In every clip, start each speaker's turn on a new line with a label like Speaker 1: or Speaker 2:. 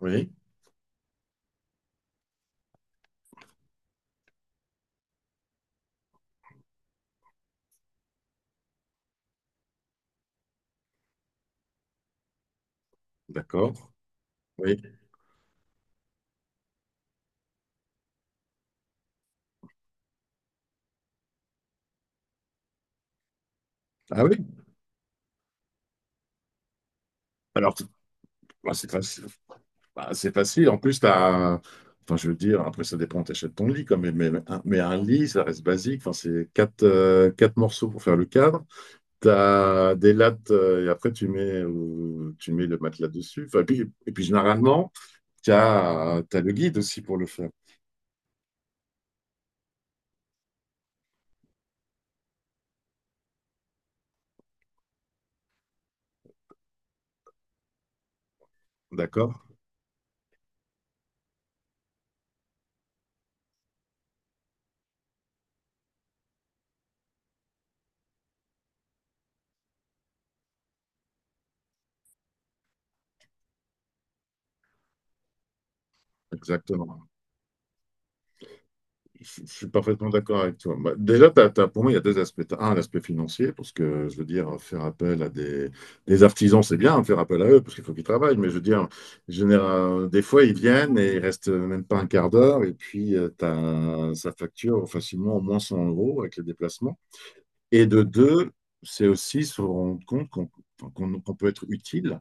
Speaker 1: Oui, d'accord. Oui. Ah oui. Alors, bah, c'est facile. Bah, c'est facile. En plus, t'as... Enfin, je veux dire, après, ça dépend, t'achètes ton lit quand même. Mais un lit, ça reste basique. Enfin, c'est quatre morceaux pour faire le cadre. T'as des lattes et après, tu mets le matelas dessus. Enfin, et puis généralement, t'as le guide aussi pour le faire. D'accord? Exactement. Je suis parfaitement d'accord avec toi. Bah, déjà, pour moi, il y a deux aspects. T'as un, l'aspect financier, parce que je veux dire, faire appel à des artisans, c'est bien, faire appel à eux, parce qu'il faut qu'ils travaillent. Mais je veux dire, général, des fois, ils viennent et ils restent même pas un quart d'heure, et puis ça facture facilement au moins 100 euros avec les déplacements. Et de deux, c'est aussi se rendre compte qu'on peut être utile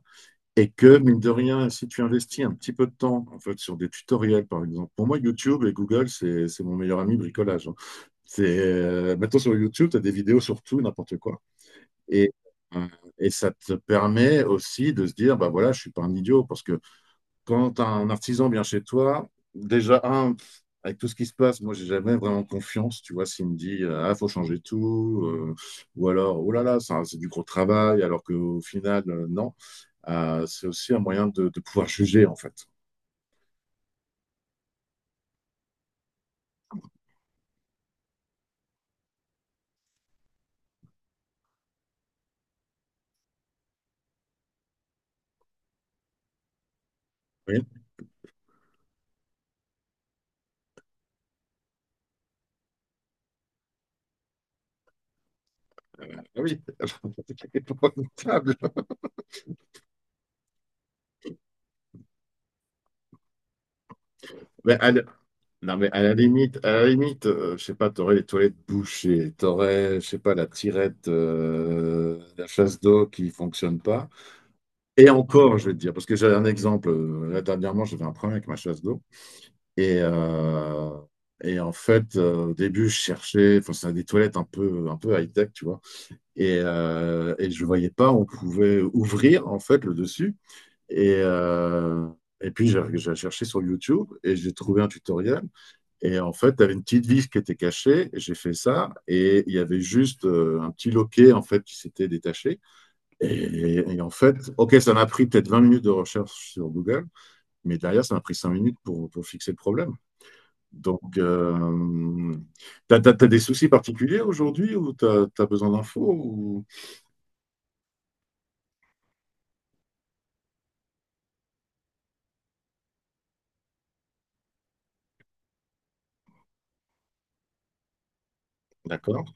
Speaker 1: et que, mine de rien, si tu investis un petit peu de temps, en fait, sur des tutoriels, par exemple. Pour moi, YouTube et Google, c'est mon meilleur ami bricolage, hein. C'est, maintenant, sur YouTube, tu as des vidéos sur tout, n'importe quoi. Et, euh, et ça te permet aussi de se dire, bah voilà, je suis pas un idiot, parce que quand t'as un artisan vient chez toi, déjà, un, pff, avec tout ce qui se passe, moi, j'ai jamais vraiment confiance, tu vois, s'il me dit, ah, faut changer tout, ou alors, oh là là, ça, c'est du gros travail, alors qu'au final, non. C'est aussi un moyen de pouvoir juger, en fait. Oui, ah oui, épouvantable. Mais à la, non, mais à la limite, je sais pas, t'aurais les toilettes bouchées, t'aurais, je sais pas, la tirette, la chasse d'eau qui fonctionne pas. Et encore, je vais te dire, parce que j'avais un exemple. Là, dernièrement, j'avais un problème avec ma chasse d'eau. Et, euh, et en fait, au début, je cherchais, enfin, c'est des toilettes un peu high-tech, tu vois. Et je voyais pas, on pouvait ouvrir, en fait, le dessus. Et, euh, et puis, j'ai cherché sur YouTube et j'ai trouvé un tutoriel. Et en fait, tu avais une petite vis qui était cachée, et j'ai fait ça et il y avait juste un petit loquet en fait qui s'était détaché. Et en fait, OK, ça m'a pris peut-être 20 minutes de recherche sur Google, mais derrière, ça m'a pris 5 minutes pour fixer le problème. Donc, tu as des soucis particuliers aujourd'hui ou tu as besoin d'infos ou... D'accord.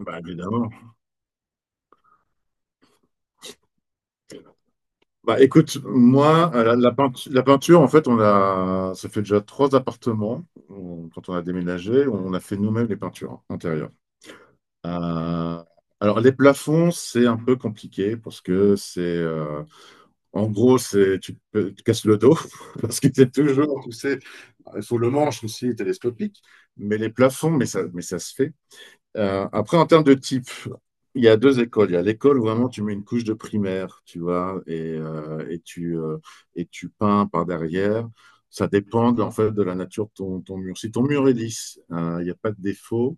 Speaker 1: Bah, évidemment. Bah, écoute, moi, la peinture, en fait, on a, ça fait déjà trois appartements. Quand on a déménagé, on a fait nous-mêmes les peintures intérieures. Euh, alors, les plafonds, c'est un peu compliqué parce que c'est, en gros, c'est, tu te casses le dos parce que c'est toujours, tu sais, il faut le manche aussi télescopique. Mais les plafonds, mais ça se fait. Après, en termes de type, il y a deux écoles. Il y a l'école où vraiment tu mets une couche de primaire, tu vois, et tu peins par derrière. Ça dépend en fait de la nature de ton, ton mur. Si ton mur est lisse, il n'y a pas de défaut,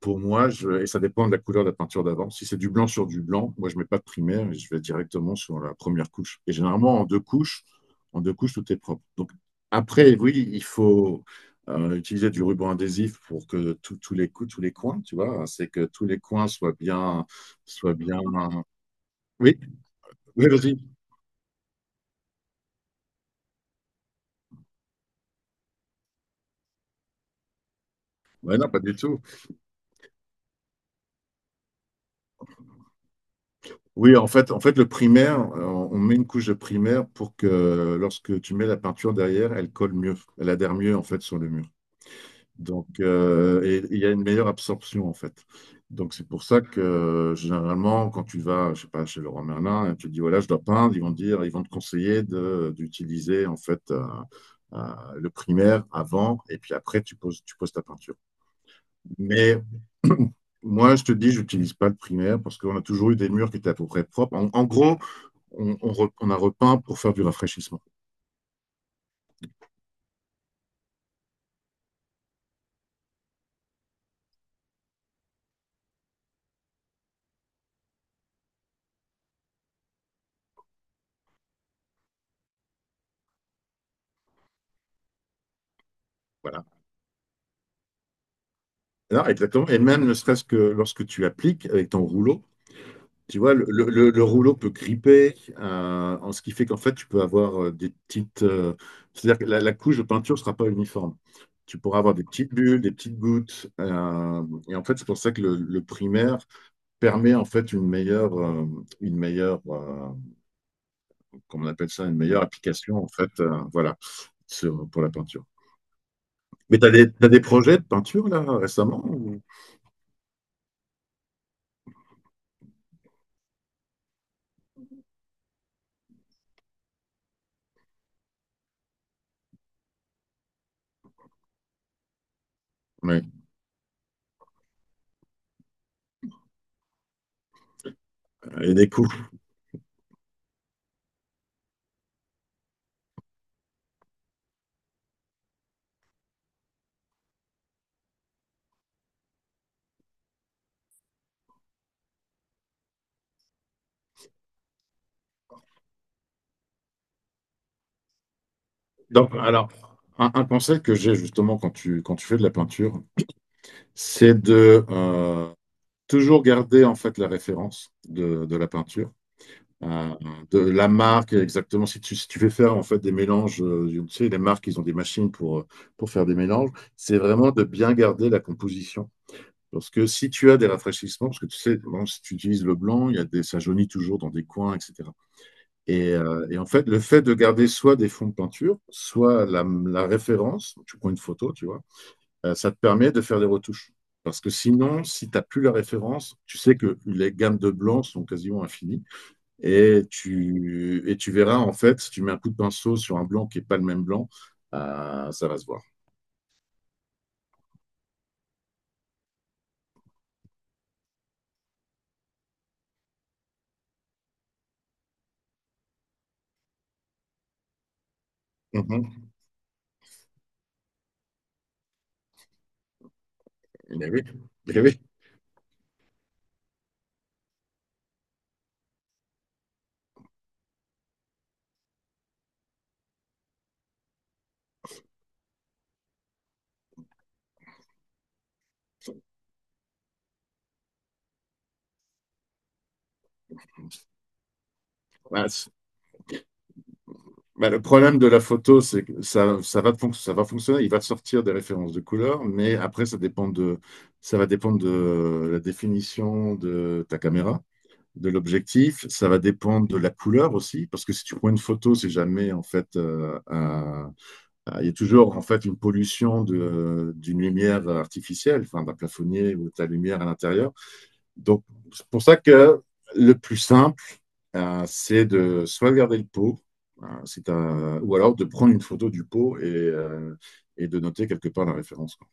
Speaker 1: pour moi, et ça dépend de la couleur de la peinture d'avant. Si c'est du blanc sur du blanc, moi, je ne mets pas de primaire et je vais directement sur la première couche. Et généralement, en deux couches, tout est propre. Donc, après, oui, il faut utiliser du ruban adhésif pour que tous les coups, tous les coins, tu vois, c'est que tous les coins soient bien, soient bien. Oui, oui, vas-y. Ouais, non, pas du tout. Oui, en fait, le primaire, on met une couche de primaire pour que lorsque tu mets la peinture derrière, elle colle mieux, elle adhère mieux en fait sur le mur. Donc, et il y a une meilleure absorption, en fait. Donc, c'est pour ça que, généralement, quand tu vas, je sais pas, chez Leroy Merlin, et tu dis, voilà, je dois peindre, ils vont te dire, ils vont te conseiller de, d'utiliser, en fait, le primaire avant, et puis après, tu poses ta peinture. Mais moi, je te dis, j'utilise pas le primaire parce qu'on a toujours eu des murs qui étaient à peu près propres. En gros, on a repeint pour faire du rafraîchissement. Voilà. Non, exactement. Et même ne serait-ce que lorsque tu appliques avec ton rouleau, tu vois, le rouleau peut gripper, en ce qui fait qu'en fait, tu peux avoir des petites, c'est-à-dire que la couche de peinture ne sera pas uniforme. Tu pourras avoir des petites bulles, des petites gouttes, et en fait, c'est pour ça que le primaire permet en fait une meilleure, euh, comment on appelle ça, une meilleure application en fait, voilà, pour la peinture. Mais t'as des projets de peinture là récemment ou... Ouais. Et des cours. Donc, alors, un conseil que j'ai justement quand tu fais de la peinture, c'est de toujours garder en fait la référence de la peinture, euh, de la marque exactement. Si tu fais faire en fait des mélanges, tu sais, les marques, ils ont des machines pour faire des mélanges, c'est vraiment de bien garder la composition. Parce que si tu as des rafraîchissements, parce que tu sais, bon, si tu utilises le blanc, il y a des, ça jaunit toujours dans des coins, etc. Et en fait, le fait de garder soit des fonds de peinture, soit la référence, tu prends une photo, tu vois? Ça te permet de faire des retouches. Parce que sinon, si tu as plus la référence, tu sais que les gammes de blancs sont quasiment infinies et tu verras, en fait, si tu mets un coup de pinceau sur un blanc qui est pas le même blanc, ça va se voir. Mmh mh. Oui, beh oui. Bah, Bah, le problème de la photo, c'est que ça va fonctionner, il va te sortir des références de couleurs, mais après, ça va dépendre de la définition de ta caméra, de l'objectif, ça va dépendre de la couleur aussi, parce que si tu prends une photo, c'est jamais, en fait, ah, il y a toujours, en fait, une pollution d'une lumière artificielle, enfin, d'un plafonnier ou de ta lumière à l'intérieur. Donc, c'est pour ça que le plus simple, c'est de soit garder le pot, ou alors de prendre une photo du pot et de noter quelque part la référence, quoi.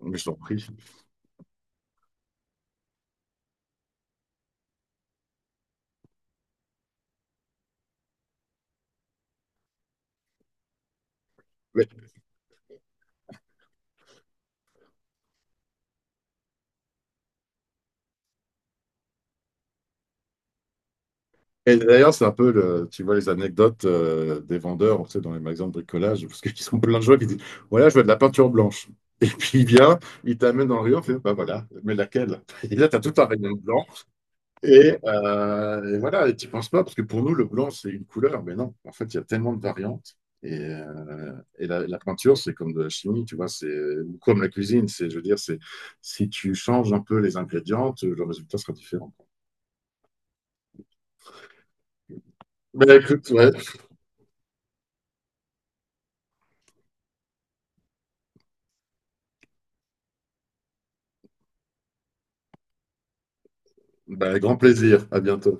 Speaker 1: Mais je t'en prie. Mais- et d'ailleurs, c'est un peu, le, tu vois, les anecdotes des vendeurs, tu sais, dans les magasins de bricolage, parce qu'ils sont plein de gens qui disent, voilà, je veux de la peinture blanche. Et puis il vient, il t'amène dans le rayon, il fait, bah voilà, mais laquelle? Et là, tu as tout un rayon blanc. Et voilà, et tu penses pas, parce que pour nous, le blanc, c'est une couleur, mais non, en fait, il y a tellement de variantes. Et, euh, et la peinture, c'est comme de la chimie, tu vois, c'est ou comme la cuisine, c'est, je veux dire, c'est si tu changes un peu les ingrédients, le résultat sera différent. Ben écoute, ouais, ben, grand plaisir, à bientôt.